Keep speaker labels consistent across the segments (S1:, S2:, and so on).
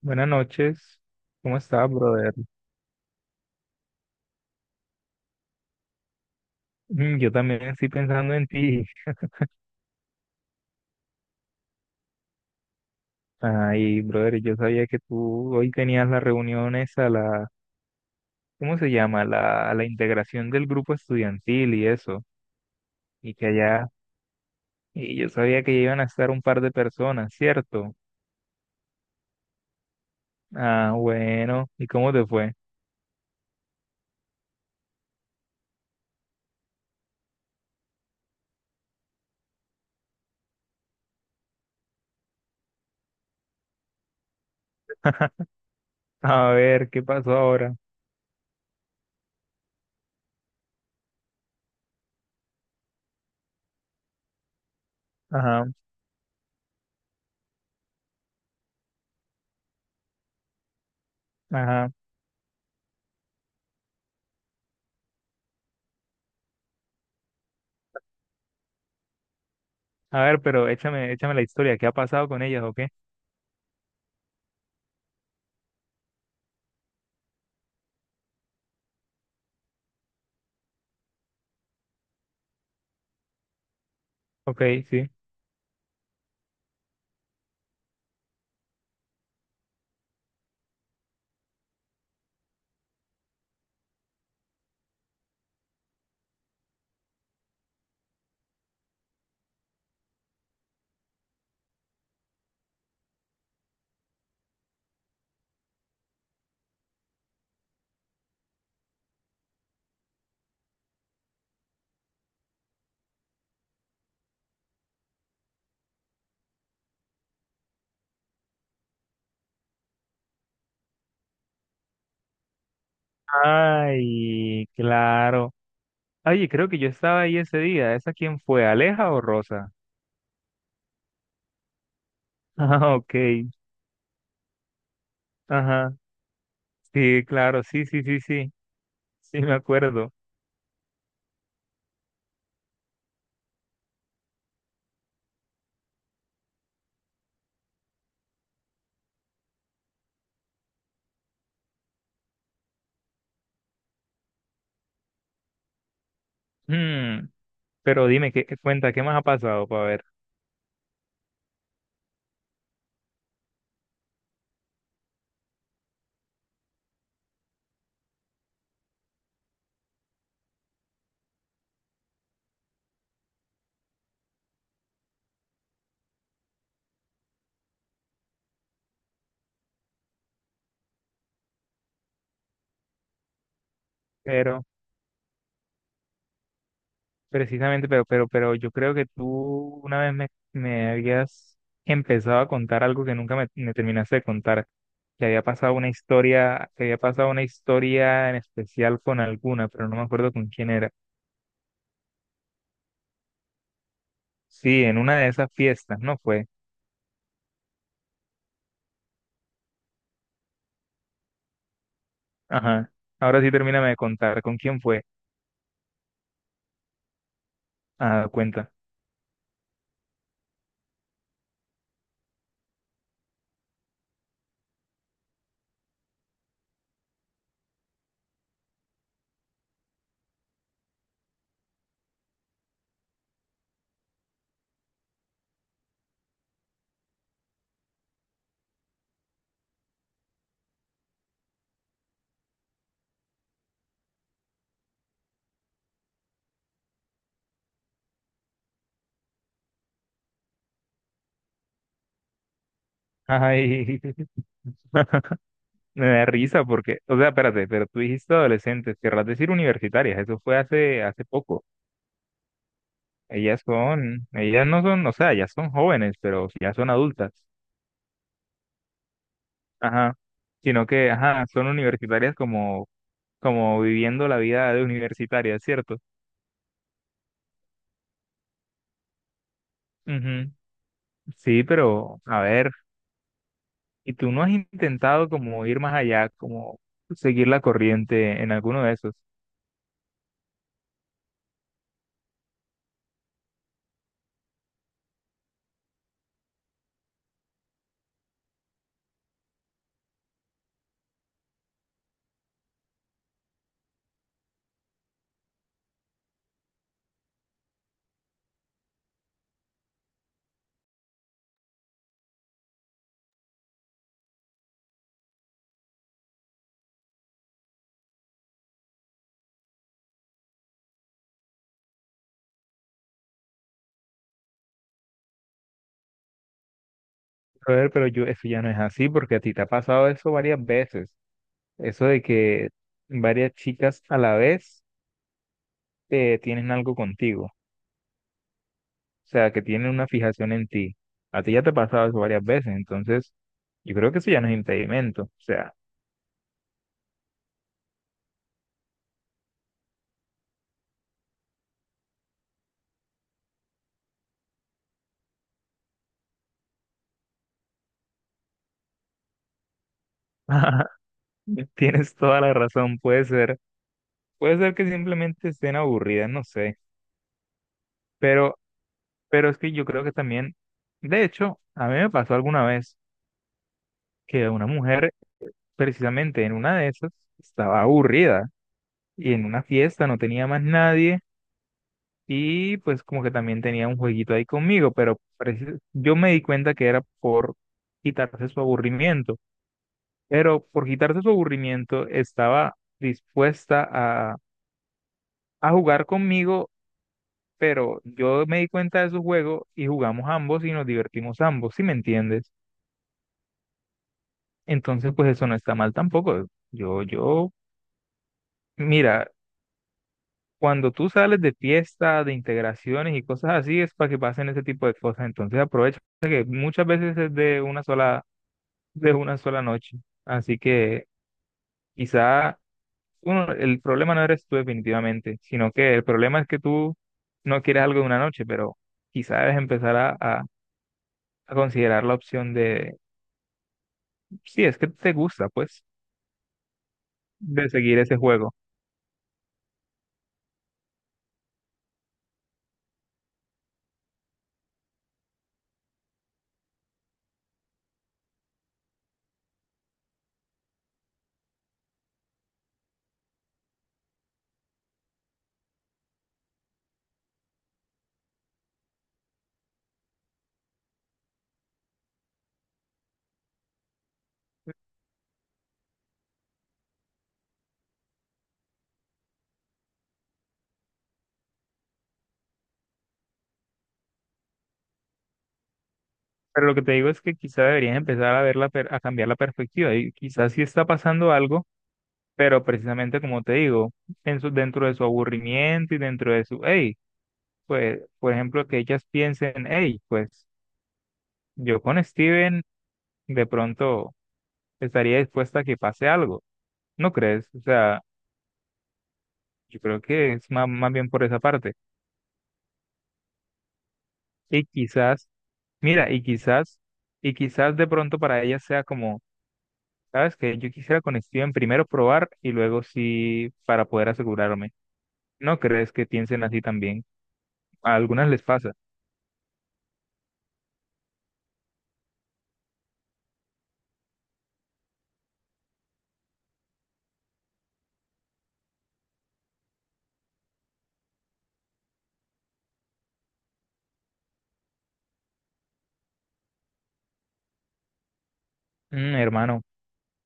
S1: Buenas noches, ¿cómo estás, brother? Mm, yo también estoy pensando en ti. Ay, brother, yo sabía que tú hoy tenías las reuniones a la, ¿cómo se llama? A la integración del grupo estudiantil y eso, y que allá, y yo sabía que iban a estar un par de personas, ¿cierto? Ah, bueno, ¿y cómo te fue? A ver, ¿qué pasó ahora? Ajá, ajá. A ver, pero échame, échame la historia, ¿qué ha pasado con ellas o qué? Ok, sí. Ay, claro. Oye, creo que yo estaba ahí ese día. ¿Esa quién fue? ¿Aleja o Rosa? Ah, ok. Ajá. Sí, claro. Sí, sí, sí, sí. Sí, me acuerdo. Mm, pero dime, ¿qué cuenta? ¿Qué más ha pasado para ver? Pero, precisamente, yo creo que tú una vez me habías empezado a contar algo que nunca me terminaste de contar. Que había pasado una historia, que había pasado una historia en especial con alguna, pero no me acuerdo con quién era. Sí, en una de esas fiestas, ¿no fue? Ajá. Ahora sí termíname de contar con quién fue. Ah, cuenta. Ay, me da risa porque, o sea, espérate, pero tú dijiste adolescentes, querrás decir universitarias, eso fue hace poco. Ellas son, ellas no son, o sea, ellas son jóvenes, pero ya son adultas. Ajá. Sino que, ajá, son universitarias como, como viviendo la vida de universitaria, ¿cierto? Ujú. Sí, pero, a ver, ¿y tú no has intentado como ir más allá, como seguir la corriente en alguno de esos? Brother, pero yo, eso ya no es así, porque a ti te ha pasado eso varias veces. Eso de que varias chicas a la vez tienen algo contigo. O sea, que tienen una fijación en ti. A ti ya te ha pasado eso varias veces. Entonces, yo creo que eso ya no es impedimento. O sea, tienes toda la razón. Puede ser que simplemente estén aburridas, no sé. Pero, pero es que yo creo que también, de hecho, a mí me pasó alguna vez que una mujer, precisamente en una de esas, estaba aburrida y en una fiesta no tenía más nadie y pues como que también tenía un jueguito ahí conmigo, pero parece- yo me di cuenta que era por quitarse su aburrimiento, pero por quitarse su aburrimiento estaba dispuesta a jugar conmigo, pero yo me di cuenta de su juego y jugamos ambos y nos divertimos ambos, ¿si me entiendes? Entonces pues eso no está mal tampoco. Yo, yo, mira. Cuando tú sales de fiestas, de integraciones y cosas así, es para que pasen ese tipo de cosas. Entonces aprovecha que muchas veces es de una sola noche. Así que quizá uno, el problema no eres tú definitivamente, sino que el problema es que tú no quieres algo de una noche, pero quizá debes empezar a considerar la opción de, si es que te gusta, pues, de seguir ese juego. Pero lo que te digo es que quizá deberías empezar a verla, a cambiar la perspectiva y quizás si está pasando algo. Pero precisamente como te digo, en su- dentro de su aburrimiento y dentro de su, hey, pues, por ejemplo, que ellas piensen, hey, pues yo con Steven de pronto estaría dispuesta a que pase algo, ¿no crees? O sea, yo creo que es má- más, bien por esa parte. Y quizás, mira, y quizás de pronto para ellas sea como, ¿sabes que Yo quisiera con Steven primero probar y luego sí para poder asegurarme. ¿No crees que piensen así también? A algunas les pasa. Mm, hermano.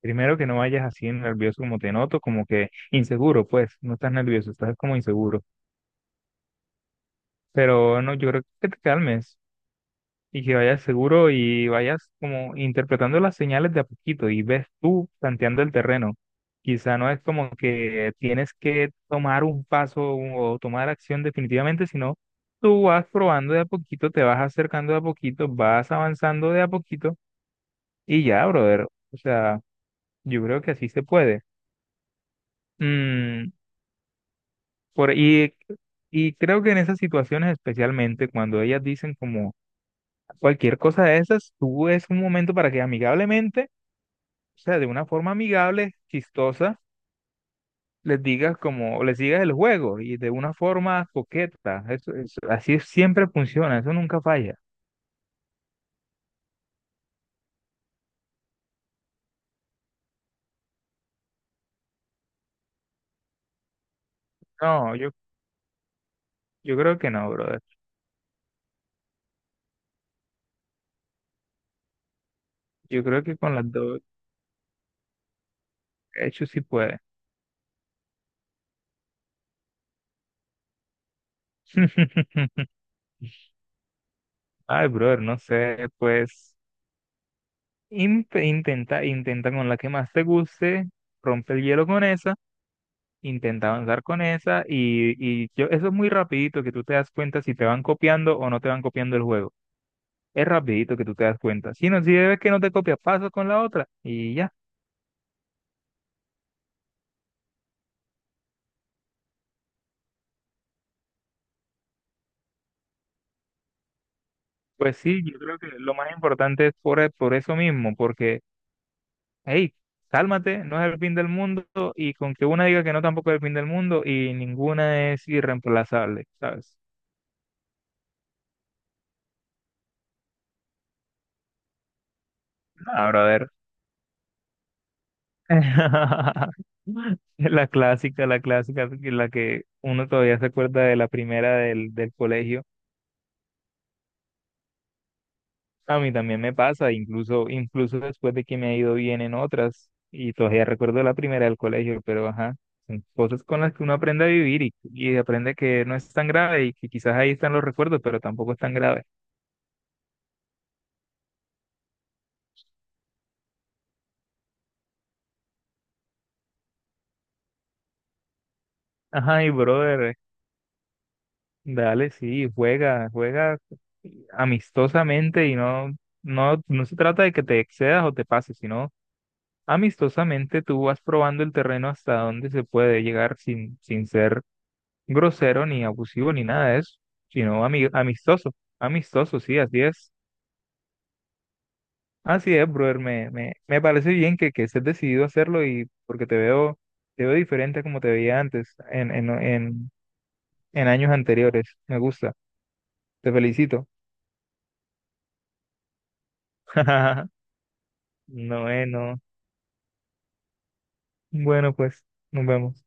S1: Primero que no vayas así nervioso como te noto, como que inseguro, pues, no estás nervioso, estás como inseguro. Pero no, yo creo que te calmes y que vayas seguro y vayas como interpretando las señales de a poquito y ves tú tanteando el terreno. Quizá no es como que tienes que tomar un paso o tomar acción definitivamente, sino tú vas probando de a poquito, te vas acercando de a poquito, vas avanzando de a poquito y ya, brother. O sea, yo creo que así se puede. Mm, Por, y, y creo que en esas situaciones, especialmente cuando ellas dicen como cualquier cosa de esas, tú es un momento para que amigablemente, o sea, de una forma amigable, chistosa, les digas como, les digas el juego y de una forma coqueta. Eso- así siempre funciona, eso nunca falla. No, yo creo que no, brother. Yo creo que con las dos hechos sí puede. Ay, brother, no sé, pues in- intenta, intenta con la que más te guste, rompe el hielo con esa. Intenta avanzar con esa eso es muy rapidito que tú te das cuenta si te van copiando o no te van copiando el juego. Es rapidito que tú te das cuenta. Si no, si ves que no te copia, pasas con la otra y ya. Pues sí, yo creo que lo más importante es por, e- por eso mismo, porque, hey, cálmate, no es el fin del mundo y con que una diga que no tampoco es el fin del mundo y ninguna es irreemplazable, ¿sabes? No, brother. La clásica, que- la que uno todavía se acuerda de la primera del colegio. A mí también me pasa, incluso, incluso después de que me ha ido bien en otras, y todavía recuerdo la primera del colegio, pero ajá, son cosas con las que uno aprende a vivir y aprende que no es tan grave y que quizás ahí están los recuerdos, pero tampoco es tan grave. Ajá, y brother, dale, sí, juega, juega amistosamente y no, se trata de que te excedas o te pases, sino amistosamente tú vas probando el terreno hasta donde se puede llegar sin ser grosero ni abusivo ni nada de eso, sino ami- amistoso, amistoso, sí, así es. Así es, brother, me parece bien que estés decidido a hacerlo y porque te veo diferente a como te veía antes, en años anteriores. Me gusta, te felicito. No, no. Bueno, pues, nos vemos.